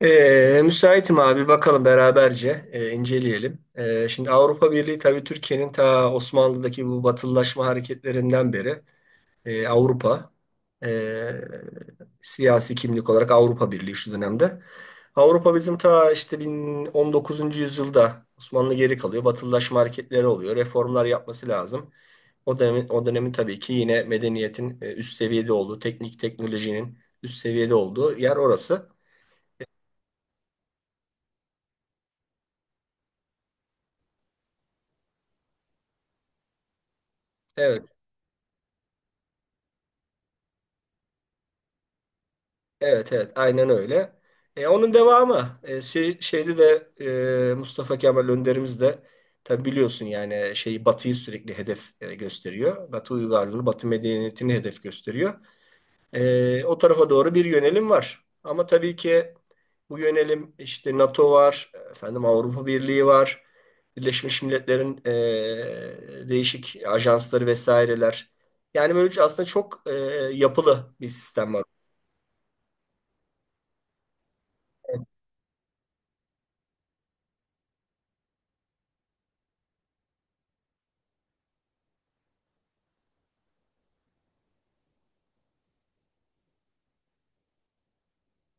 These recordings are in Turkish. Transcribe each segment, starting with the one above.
Müsaitim abi, bakalım beraberce, inceleyelim. Şimdi Avrupa Birliği tabii Türkiye'nin ta Osmanlı'daki bu batılılaşma hareketlerinden beri Avrupa e, siyasi kimlik olarak Avrupa Birliği şu dönemde. Avrupa bizim ta işte 19. yüzyılda Osmanlı geri kalıyor. Batılılaşma hareketleri oluyor. Reformlar yapması lazım. O dönemin, o dönemin tabii ki yine medeniyetin üst seviyede olduğu, teknik teknolojinin üst seviyede olduğu yer orası. Evet. Evet, evet, aynen öyle. Onun devamı şeyde de Mustafa Kemal Önderimiz de tabi biliyorsun, yani şeyi Batı'yı sürekli hedef gösteriyor. Batı uygarlığını, Batı medeniyetini hedef gösteriyor. O tarafa doğru bir yönelim var. Ama tabii ki bu yönelim işte NATO var, efendim Avrupa Birliği var, Birleşmiş Milletler'in değişik ajansları vesaireler. Yani böyle aslında çok yapılı bir sistem var.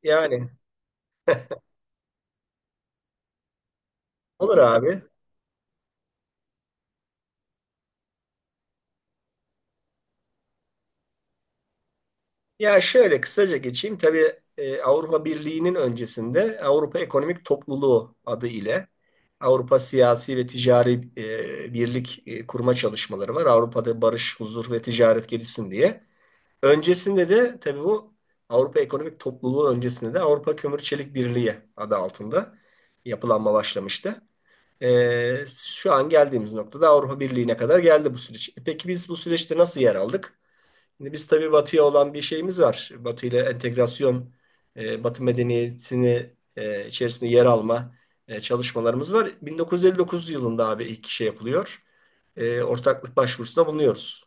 Yani, olur abi. Ya, şöyle kısaca geçeyim. Tabii Avrupa Birliği'nin öncesinde Avrupa Ekonomik Topluluğu adı ile Avrupa Siyasi ve Ticari Birlik kurma çalışmaları var. Avrupa'da barış, huzur ve ticaret gelişsin diye. Öncesinde de tabii bu Avrupa Ekonomik Topluluğu öncesinde de Avrupa Kömür Çelik Birliği adı altında yapılanma başlamıştı. Şu an geldiğimiz noktada Avrupa Birliği'ne kadar geldi bu süreç. Peki, biz bu süreçte nasıl yer aldık? Şimdi biz tabii Batı'ya olan bir şeyimiz var. Batı ile entegrasyon, Batı medeniyetini içerisinde yer alma çalışmalarımız var. 1959 yılında abi ilk şey yapılıyor. Ortaklık başvurusunda bulunuyoruz.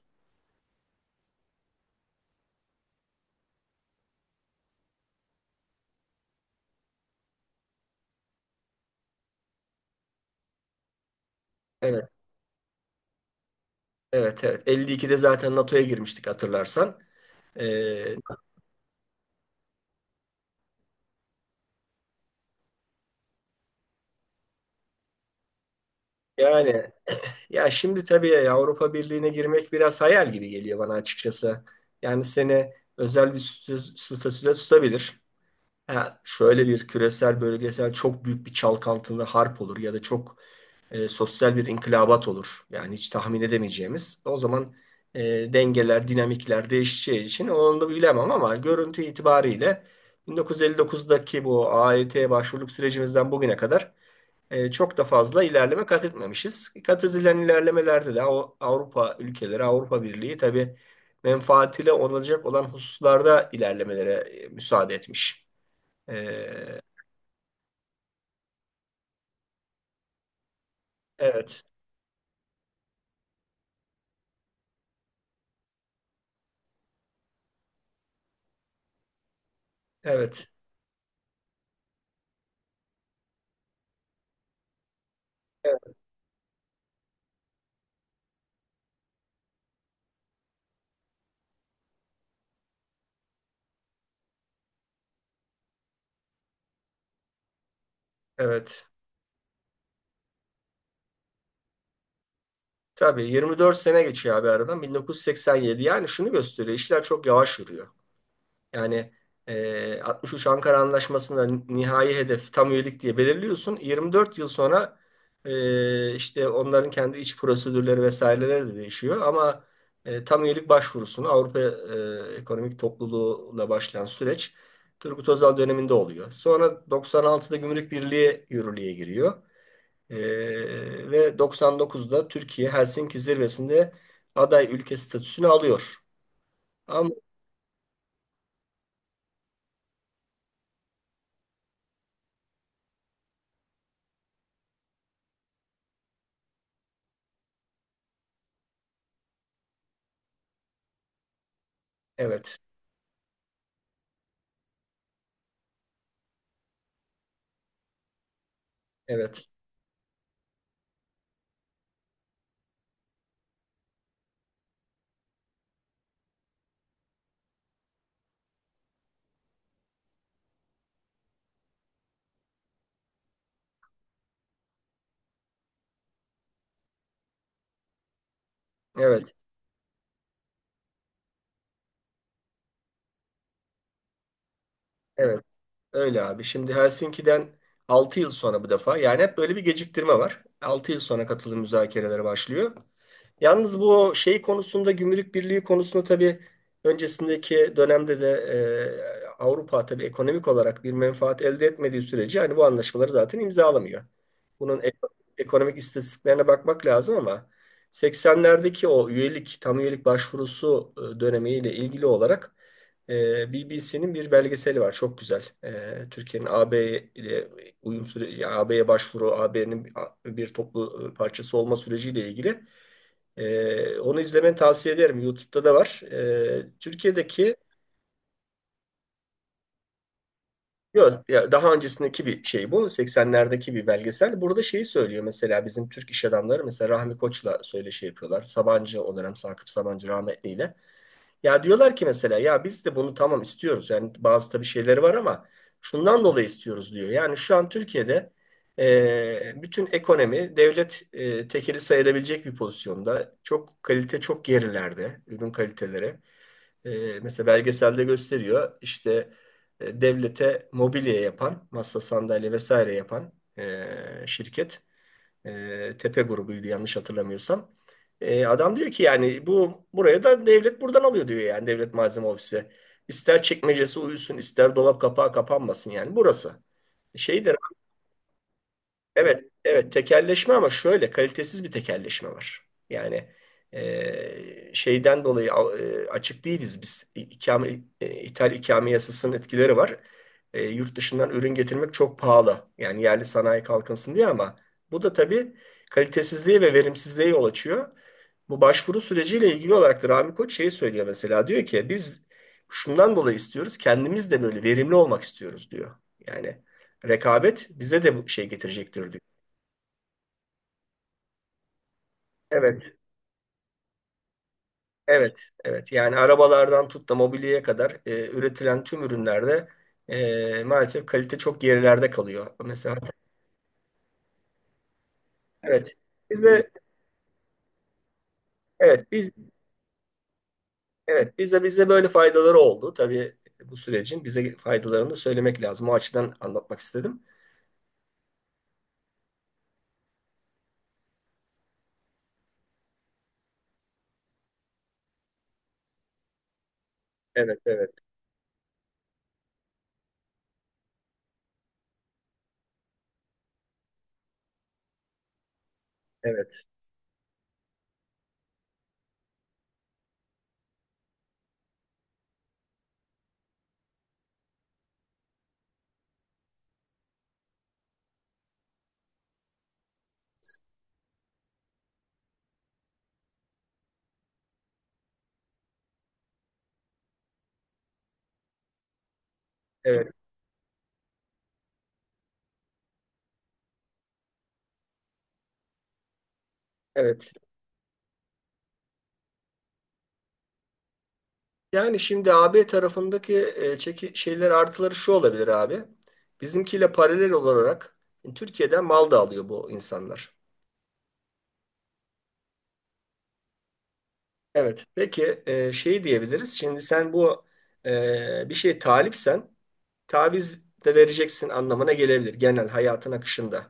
Evet, evet, evet. 52'de zaten NATO'ya girmiştik hatırlarsan. E, Yani, ya şimdi tabii Avrupa Birliği'ne girmek biraz hayal gibi geliyor bana açıkçası. Yani seni özel bir statüde tutabilir. Ha, şöyle bir küresel bölgesel çok büyük bir çalkantılı harp olur ya da çok sosyal bir inkılabat olur. Yani hiç tahmin edemeyeceğimiz. O zaman e, dengeler, dinamikler değişeceği için onu da bilemem ama görüntü itibariyle 1959'daki bu AYT başvuruluk sürecimizden bugüne kadar çok da fazla ilerleme kat etmemişiz. Kat edilen ilerlemelerde de Avrupa ülkeleri, Avrupa Birliği tabii menfaatiyle olacak olan hususlarda ilerlemelere müsaade etmiş. Ee, evet, evet, evet. Evet. Tabii 24 sene geçiyor abi aradan 1987. Yani şunu gösteriyor, işler çok yavaş yürüyor. Yani 63 Ankara Anlaşması'nda nihai hedef tam üyelik diye belirliyorsun. 24 yıl sonra işte onların kendi iç prosedürleri vesaireleri de değişiyor. Ama tam üyelik başvurusunu Avrupa Ekonomik Topluluğu'la başlayan süreç Turgut Özal döneminde oluyor. Sonra 96'da Gümrük Birliği yürürlüğe giriyor. Ve 99'da Türkiye Helsinki zirvesinde aday ülke statüsünü alıyor. Ama evet, evet, evet, evet. Öyle abi. Şimdi Helsinki'den 6 yıl sonra bu defa yani hep böyle bir geciktirme var. 6 yıl sonra katılım müzakereleri başlıyor. Yalnız bu şey konusunda, gümrük birliği konusunda tabii öncesindeki dönemde de Avrupa tabii ekonomik olarak bir menfaat elde etmediği sürece hani bu anlaşmaları zaten imzalamıyor. Bunun ekonomik istatistiklerine bakmak lazım ama 80'lerdeki o üyelik, tam üyelik başvurusu dönemiyle ilgili olarak BBC'nin bir belgeseli var. Çok güzel. Türkiye'nin AB ile uyum süreci, AB'ye başvuru, AB'nin bir toplu parçası olma süreciyle ilgili. Onu izlemeni tavsiye ederim. YouTube'da da var. Türkiye'deki yok, ya daha öncesindeki bir şey bu. 80'lerdeki bir belgesel. Burada şeyi söylüyor mesela, bizim Türk iş adamları mesela Rahmi Koç'la söyleşi yapıyorlar. Sabancı o dönem, Sakıp Sabancı rahmetliyle. Ya diyorlar ki mesela, ya biz de bunu tamam istiyoruz. Yani bazı tabii şeyleri var ama şundan dolayı istiyoruz diyor. Yani şu an Türkiye'de bütün ekonomi devlet tekeli sayılabilecek bir pozisyonda. Çok kalite çok gerilerde ürün kaliteleri. Mesela belgeselde gösteriyor, işte devlete mobilya yapan, masa sandalye vesaire yapan şirket Tepe grubuydu yanlış hatırlamıyorsam. Adam diyor ki yani bu buraya da devlet buradan alıyor diyor, yani devlet malzeme ofisi. İster çekmecesi uyusun, ister dolap kapağı kapanmasın, yani burası. E, Şey de Evet, evet, tekelleşme ama şöyle kalitesiz bir tekelleşme var. Yani şeyden dolayı açık değiliz biz. İkame, ithal ikame yasasının etkileri var. Yurt dışından ürün getirmek çok pahalı. Yani yerli sanayi kalkınsın diye, ama bu da tabii kalitesizliğe ve verimsizliğe yol açıyor. Bu başvuru süreciyle ilgili olarak da Rami Koç şeyi söylüyor mesela, diyor ki biz şundan dolayı istiyoruz, kendimiz de böyle verimli olmak istiyoruz diyor. Yani rekabet bize de bu şey getirecektir diyor. Evet, evet, evet. Yani arabalardan tut da mobilyaya kadar üretilen tüm ürünlerde maalesef kalite çok gerilerde kalıyor. Mesela evet. Bize evet, biz evet, bize böyle faydaları oldu. Tabii bu sürecin bize faydalarını da söylemek lazım. O açıdan anlatmak istedim. Evet, evet, evet, evet, evet. Yani şimdi AB tarafındaki e, çeki şeyler artıları şu olabilir abi. Bizimkiyle paralel olarak Türkiye'den mal da alıyor bu insanlar. Evet. Peki şey diyebiliriz. Şimdi sen bu bir şeye talipsen taviz de vereceksin anlamına gelebilir, genel hayatın akışında.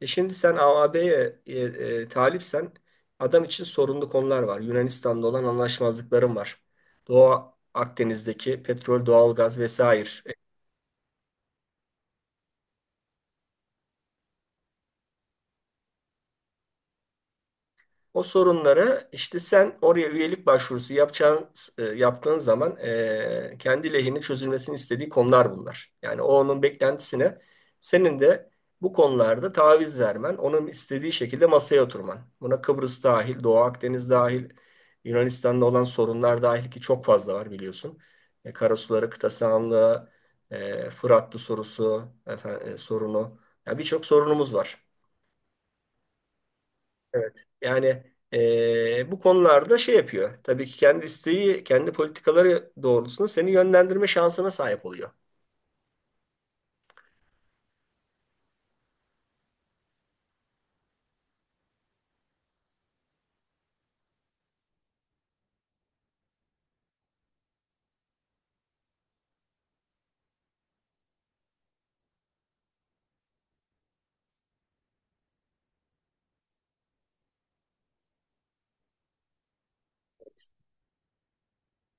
E şimdi sen AAB'ye talipsen adam için sorunlu konular var. Yunanistan'da olan anlaşmazlıkların var. Doğu Akdeniz'deki petrol, doğalgaz vesaire. O sorunları işte sen oraya üyelik başvurusu yapacağın, yaptığın zaman kendi lehine çözülmesini istediği konular bunlar. Yani o, onun beklentisine senin de bu konularda taviz vermen, onun istediği şekilde masaya oturman. Buna Kıbrıs dahil, Doğu Akdeniz dahil, Yunanistan'da olan sorunlar dahil, ki çok fazla var biliyorsun. Karasuları, kıta sahanlığı, Fırat'lı sorusu, efendim, sorunu. Ya, birçok sorunumuz var. Evet. Yani bu konularda şey yapıyor. Tabii ki kendi isteği, kendi politikaları doğrultusunda seni yönlendirme şansına sahip oluyor.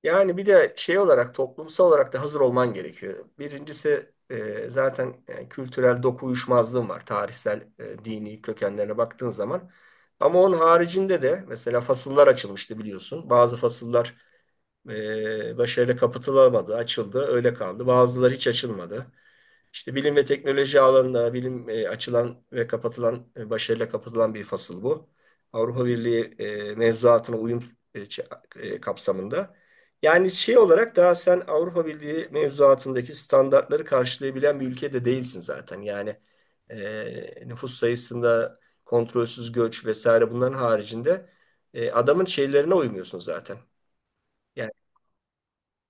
Yani bir de şey olarak toplumsal olarak da hazır olman gerekiyor. Birincisi zaten kültürel doku uyuşmazlığın var. Tarihsel, dini kökenlerine baktığın zaman. Ama onun haricinde de mesela fasıllar açılmıştı biliyorsun. Bazı fasıllar başarıyla kapatılamadı, açıldı, öyle kaldı. Bazıları hiç açılmadı. İşte bilim ve teknoloji alanında bilim açılan ve kapatılan, başarıyla kapatılan bir fasıl bu. Avrupa Birliği mevzuatına uyum kapsamında. Yani şey olarak daha sen Avrupa Birliği mevzuatındaki standartları karşılayabilen bir ülkede değilsin zaten. Yani nüfus sayısında kontrolsüz göç vesaire bunların haricinde adamın şeylerine uymuyorsun zaten. Yani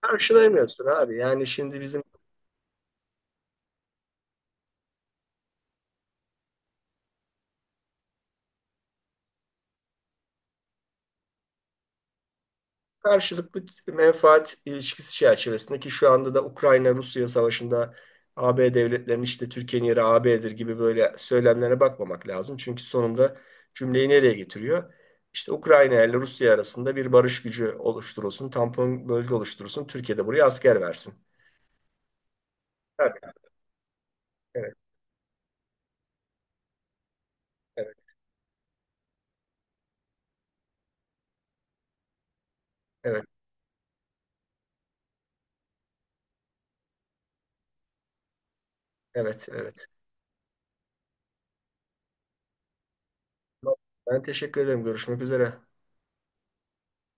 karşılayamıyorsun abi. Yani şimdi bizim karşılıklı menfaat ilişkisi çerçevesinde, ki şu anda da Ukrayna-Rusya savaşında AB devletlerinin işte Türkiye'nin yeri AB'dir gibi böyle söylemlere bakmamak lazım. Çünkü sonunda cümleyi nereye getiriyor? İşte Ukrayna ile Rusya arasında bir barış gücü oluşturulsun, tampon bölge oluşturulsun, Türkiye de buraya asker versin. Tabii, evet, evet, evet, evet, evet. Ben teşekkür ederim. Görüşmek üzere.